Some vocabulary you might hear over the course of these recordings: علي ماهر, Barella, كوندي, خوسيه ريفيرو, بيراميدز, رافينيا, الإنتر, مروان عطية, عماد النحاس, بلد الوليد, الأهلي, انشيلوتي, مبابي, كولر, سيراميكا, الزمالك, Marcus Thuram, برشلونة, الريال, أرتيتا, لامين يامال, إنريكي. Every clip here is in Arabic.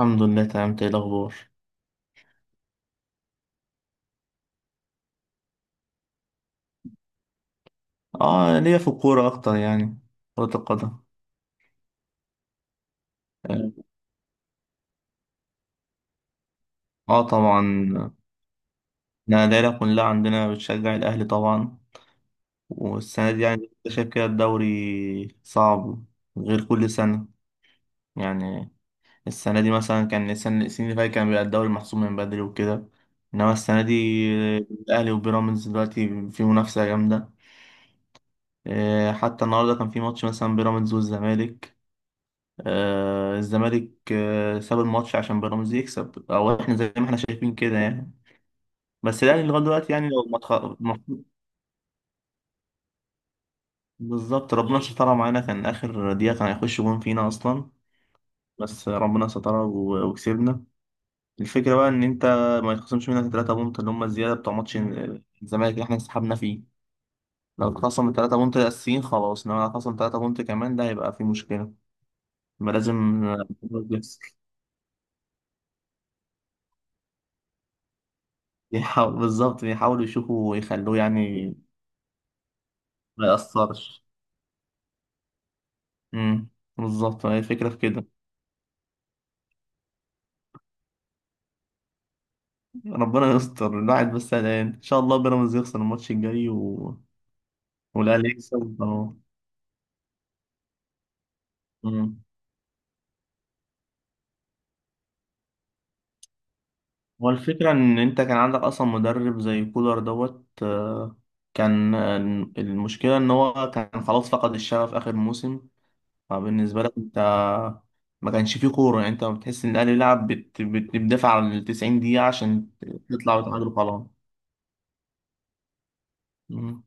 الحمد لله تمام، إنت ايه الاخبار؟ اه ليا في الكوره اكتر، يعني كره القدم. اه. آه طبعا. انا العيله كلها عندنا بتشجع الاهلي طبعا. والسنه دي يعني أنت شايف كده الدوري صعب غير كل سنه، يعني السنه دي مثلا كان السنين اللي فاتت كان بيبقى الدوري محسوم من بدري وكده، انما السنه دي الاهلي وبيراميدز دلوقتي في منافسه جامده. حتى النهارده كان في ماتش مثلا بيراميدز والزمالك. الزمالك ساب الماتش عشان بيراميدز يكسب، او احنا زي ما احنا شايفين كده يعني. بس الاهلي لغايه دلوقتي يعني لو ما بالظبط ربنا سترها معانا، كان اخر دقيقه كان هيخش جون فينا اصلا. بس ربنا سترها وكسبنا. الفكره بقى ان انت ما يتخصمش منك ال3 بونت اللي هم الزياده بتوع ماتش الزمالك اللي احنا انسحبنا فيه. لو اتخصم ال3 بونت الاساسيين خلاص، انما لو اتخصم 3 بونت كمان ده هيبقى في مشكله. ما لازم بالظبط يحاولوا يشوفوا ويخلوه يعني ما يأثرش. امم بالظبط، هي الفكرة في كده. ربنا يستر، الواحد بس قلقان ان شاء الله بيراميدز يخسر الماتش الجاي والاهلي يكسب اهو. أمم. هو الفكرة ان انت كان عندك اصلا مدرب زي كولر دوت كان آه، المشكلة ان هو كان خلاص فقد الشغف اخر موسم. فبالنسبة لك انت ما كانش فيه كورة، يعني انت بتحس ان الاهلي لعب بتدافع على ال 90 دقيقة عشان تطلع وتعادل وخلاص. مم.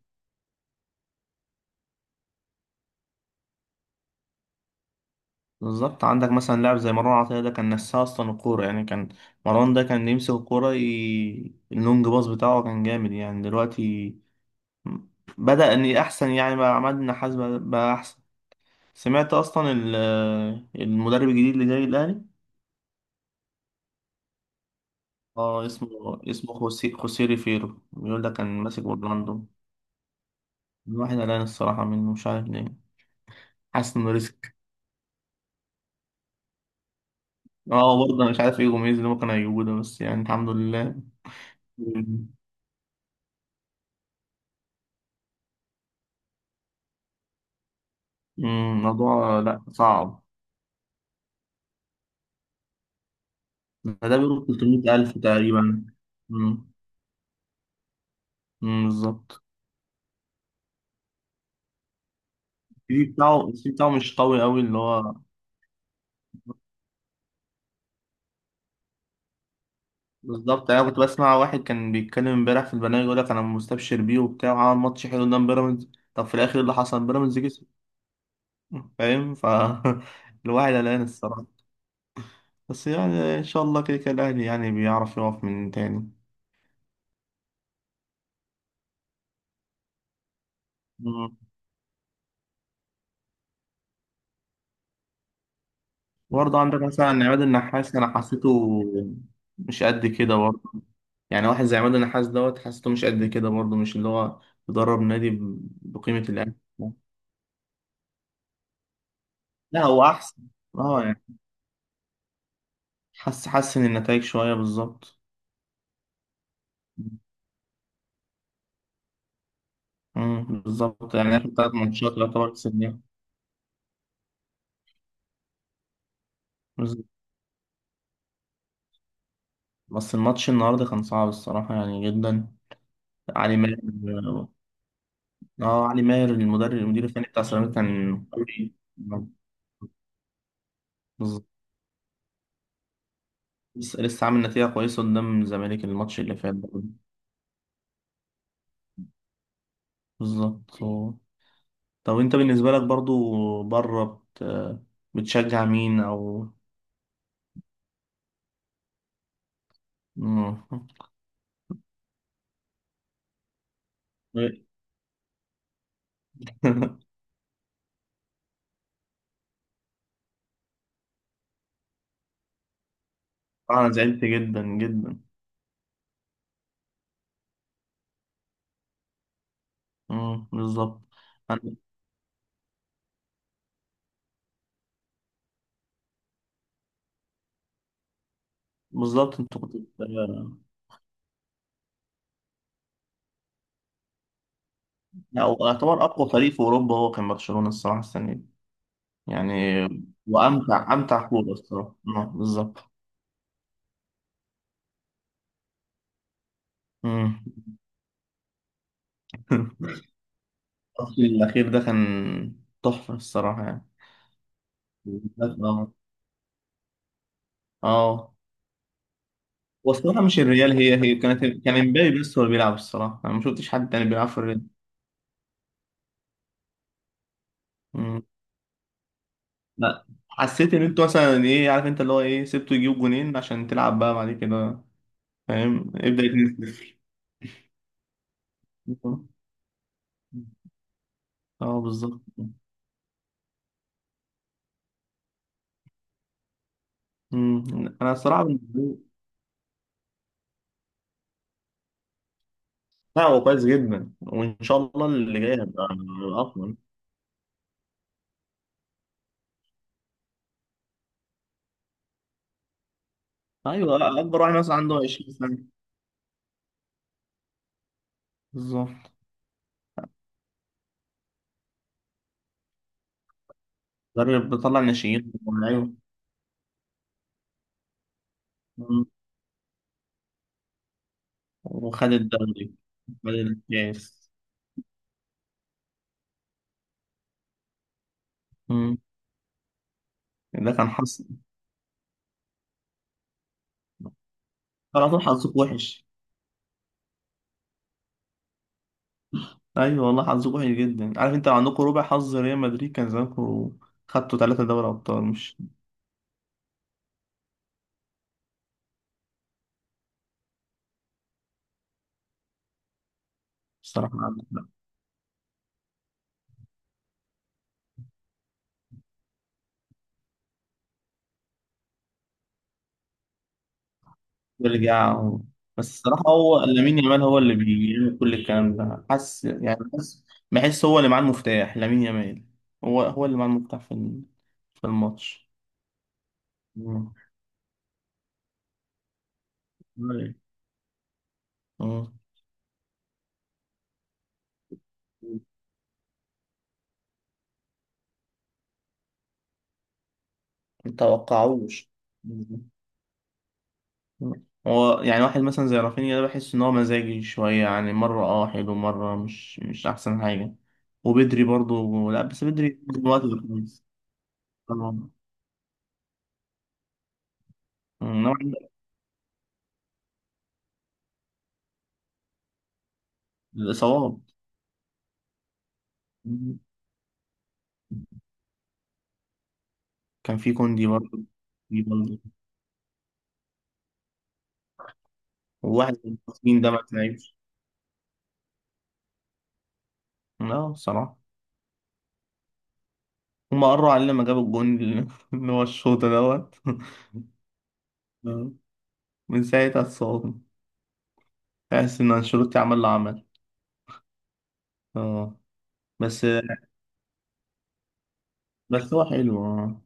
بالظبط عندك مثلا لاعب زي مروان عطية، ده كان نساه أصلا الكورة يعني. كان مروان ده كان يمسك الكورة. اللونج باص بتاعه كان جامد يعني. دلوقتي بدأ إن أحسن يعني، بقى عماد النحاس بقى أحسن. سمعت أصلا المدرب الجديد اللي جاي الأهلي. اه اسمه، اسمه خوسيه ريفيرو، بيقول ده كان ماسك أورلاندو. الواحد قلقان الصراحة منه، مش عارف ليه، حاسس إنه ريسك. اه برضه أنا مش عارف إيه جوميز اللي ممكن هيجيبوه ده، بس يعني الحمد لله. مم، الموضوع لأ صعب. ما ده بيقول 300,000 تقريبا. امم. بالظبط. السي في بتاعه مش قوي قوي اللي هو... بالظبط. يعني انا كنت بسمع واحد كان بيتكلم امبارح في البرنامج، يقول لك انا مستبشر بيه وبتاع، وعمل ماتش حلو قدام بيراميدز. طب في الاخر إيه اللي حصل؟ بيراميدز كسب. فاهم ف الواحد قلقان الصراحه. بس يعني ان شاء الله كده كده الاهلي يعني بيعرف يقف من تاني. مم. برضه عندك مثلا عماد النحاس انا حسيته مش قد كده برضه. يعني واحد زي عماد النحاس دوت حاسته مش قد كده برضه، مش اللي هو بيدرب نادي بقيمة الأهلي. لا هو أحسن، اه يعني حسن النتائج شوية، بالظبط. بالظبط، يعني آخر 3 ماتشات يعتبر كسبناهم. بالظبط. بس الماتش النهاردة كان صعب الصراحة يعني جدا. علي ماهر. اه علي ماهر المدرب المدير الفني بتاع سيراميكا كان قوي. بالظبط. لسه لسه عامل نتيجة كويسة قدام الزمالك الماتش اللي فات ده. بالظبط. طب انت بالنسبة لك برضو بره بتشجع مين او... مم. انا زعلت جدا جدا. مم، بالظبط. أنا- بالظبط انت كنت... لا، هو يعتبر اقوى فريق في اوروبا، هو كان برشلونة الصراحة السنة دي يعني. وامتع امتع كورة الصراحة. مم، بالظبط. مم. الماتش الاخير ده كان تحفة الصراحة يعني. اه. والصراحة مش الريال، هي كان امبابي بس هو اللي بيلعب الصراحة، أنا ما شفتش حد تاني بيلعب في الريال. مم. لا حسيت إن أنتوا مثلا إيه، عارف أنت اللي هو إيه سبته يجيب جونين عشان تلعب بقى بعد كده. فاهم، ابدأ 2-0. أه بالظبط. مم. أنا الصراحة بالنسبة لي- لا هو كويس جدا، وإن شاء الله اللي جاي هيبقى أفضل. أيوه أكبر واحد مثلا عنده 20 سنة. بالظبط، مدرب بيطلع ناشئين. أيوه. مم. وخد الدوري، خد الكاس. مم. ده كان حظ، على طول حظك وحش. ايوه والله حظك وحش جدا. عارف انت لو عندكم ربع حظ ريال مدريد كان زمانكم خدتوا 3 دوري ابطال مش... الصراحة عندك حق. يرجع و... بس الصراحة هو لامين يامال هو اللي بيعمل كل الكلام ده، حاسس يعني حاسس. بحس هو اللي معاه المفتاح لامين يامال. هو هو اللي معاه المفتاح في في الماتش. مم. مم. مم. متوقعوش. هو يعني واحد مثلا زي رافينيا ده بحس ان هو مزاجي شويه يعني، مره اه حلو مره مش احسن حاجه. وبدري برضو لا بس بدري الوقت ده كويس. طبعا. نوعا ما الاصابات. كان في كوندي برضو في برضو. وواحد من المصريين ده ما تلعبش. لا بصراحه. هما قروا علينا لما جابوا الجون اللي هو الشوط دوت آه. من ساعتها اتصابنا. تحس ان انشيلوتي عمل له عمل. اه. بس بس هو حلو اه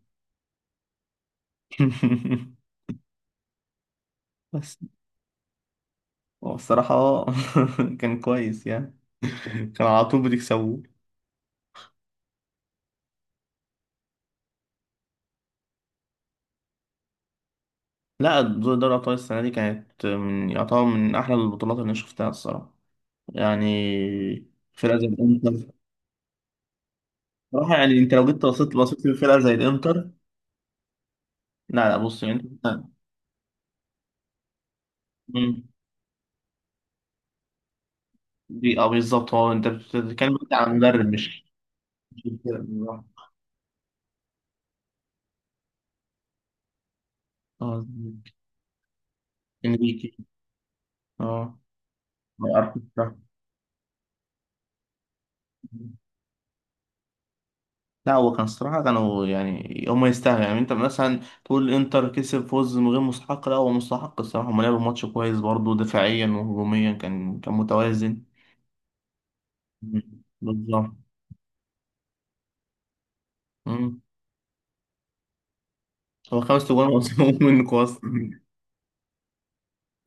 بس هو الصراحة اه كان كويس يعني، كان على طول بتكسبوه. لا دوري أبطال السنة دي كانت من يعتبر من أحلى البطولات اللي أنا شفتها الصراحة يعني. فرقة زي الإنتر. صراحة يعني أنت لو جيت بصيت لفرقة زي الإنتر. لا لا بص يعني أنت... مم. دي أه بالظبط، هو أنت بتتكلم بس عن مدرب مش... مش الفرقة بالظبط. اه إنريكي. اه أرتيتا. لا هو كان الصراحة كانوا يعني هما يستاهلوا، يعني انت مثلا تقول انتر كسب فوز من غير مستحق، لا هو مستحق الصراحة، هما لعبوا ماتش كويس برضه دفاعيا وهجوميا، كان متوازن. مم. بالظبط. مم. هو 5 تجوان مصروف منك اصلا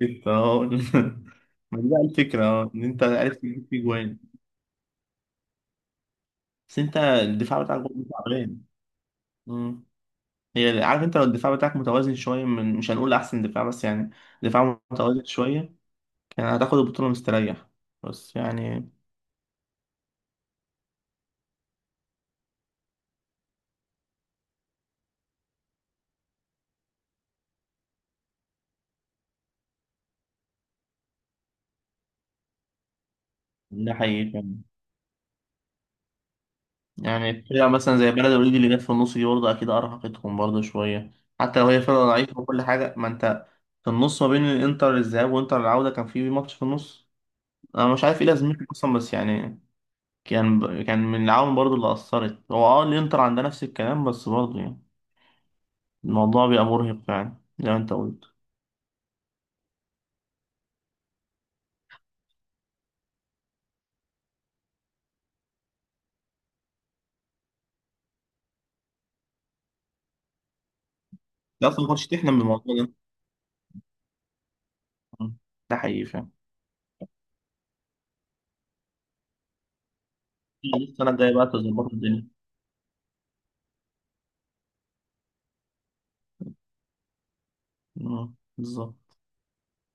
انت اهو، ما دي بقى الفكرة اه ان انت عرفت تجيب فيه جوان. بس انت الدفاع بتاعك برضه تعبان. مم. هي، عارف انت لو الدفاع بتاعك متوازن شوية، من مش هنقول احسن دفاع بس يعني دفاع متوازن شوية، كان هتاخد البطولة مستريح، بس يعني ده حقيقي فعلا. يعني فرقة مثلا زي بلد الوليد اللي جت في النص دي برضه أكيد أرهقتهم برضه شوية، حتى لو هي فرقة ضعيفة وكل حاجة. ما أنت في النص ما بين الإنتر الذهاب وإنتر العودة كان في ماتش في النص، أنا مش عارف إيه لازمته أصلا بس يعني كان من العوامل برضه اللي أثرت، هو أه الإنتر عندها نفس الكلام بس برضه يعني الموضوع بيبقى مرهق فعلا زي ما أنت قلت. أنت أصلا ما كنتش تحلم بالموضوع ده، ده حقيقي فعلا. السنة الجاية بقى تظبطوا الدنيا. أه، بالظبط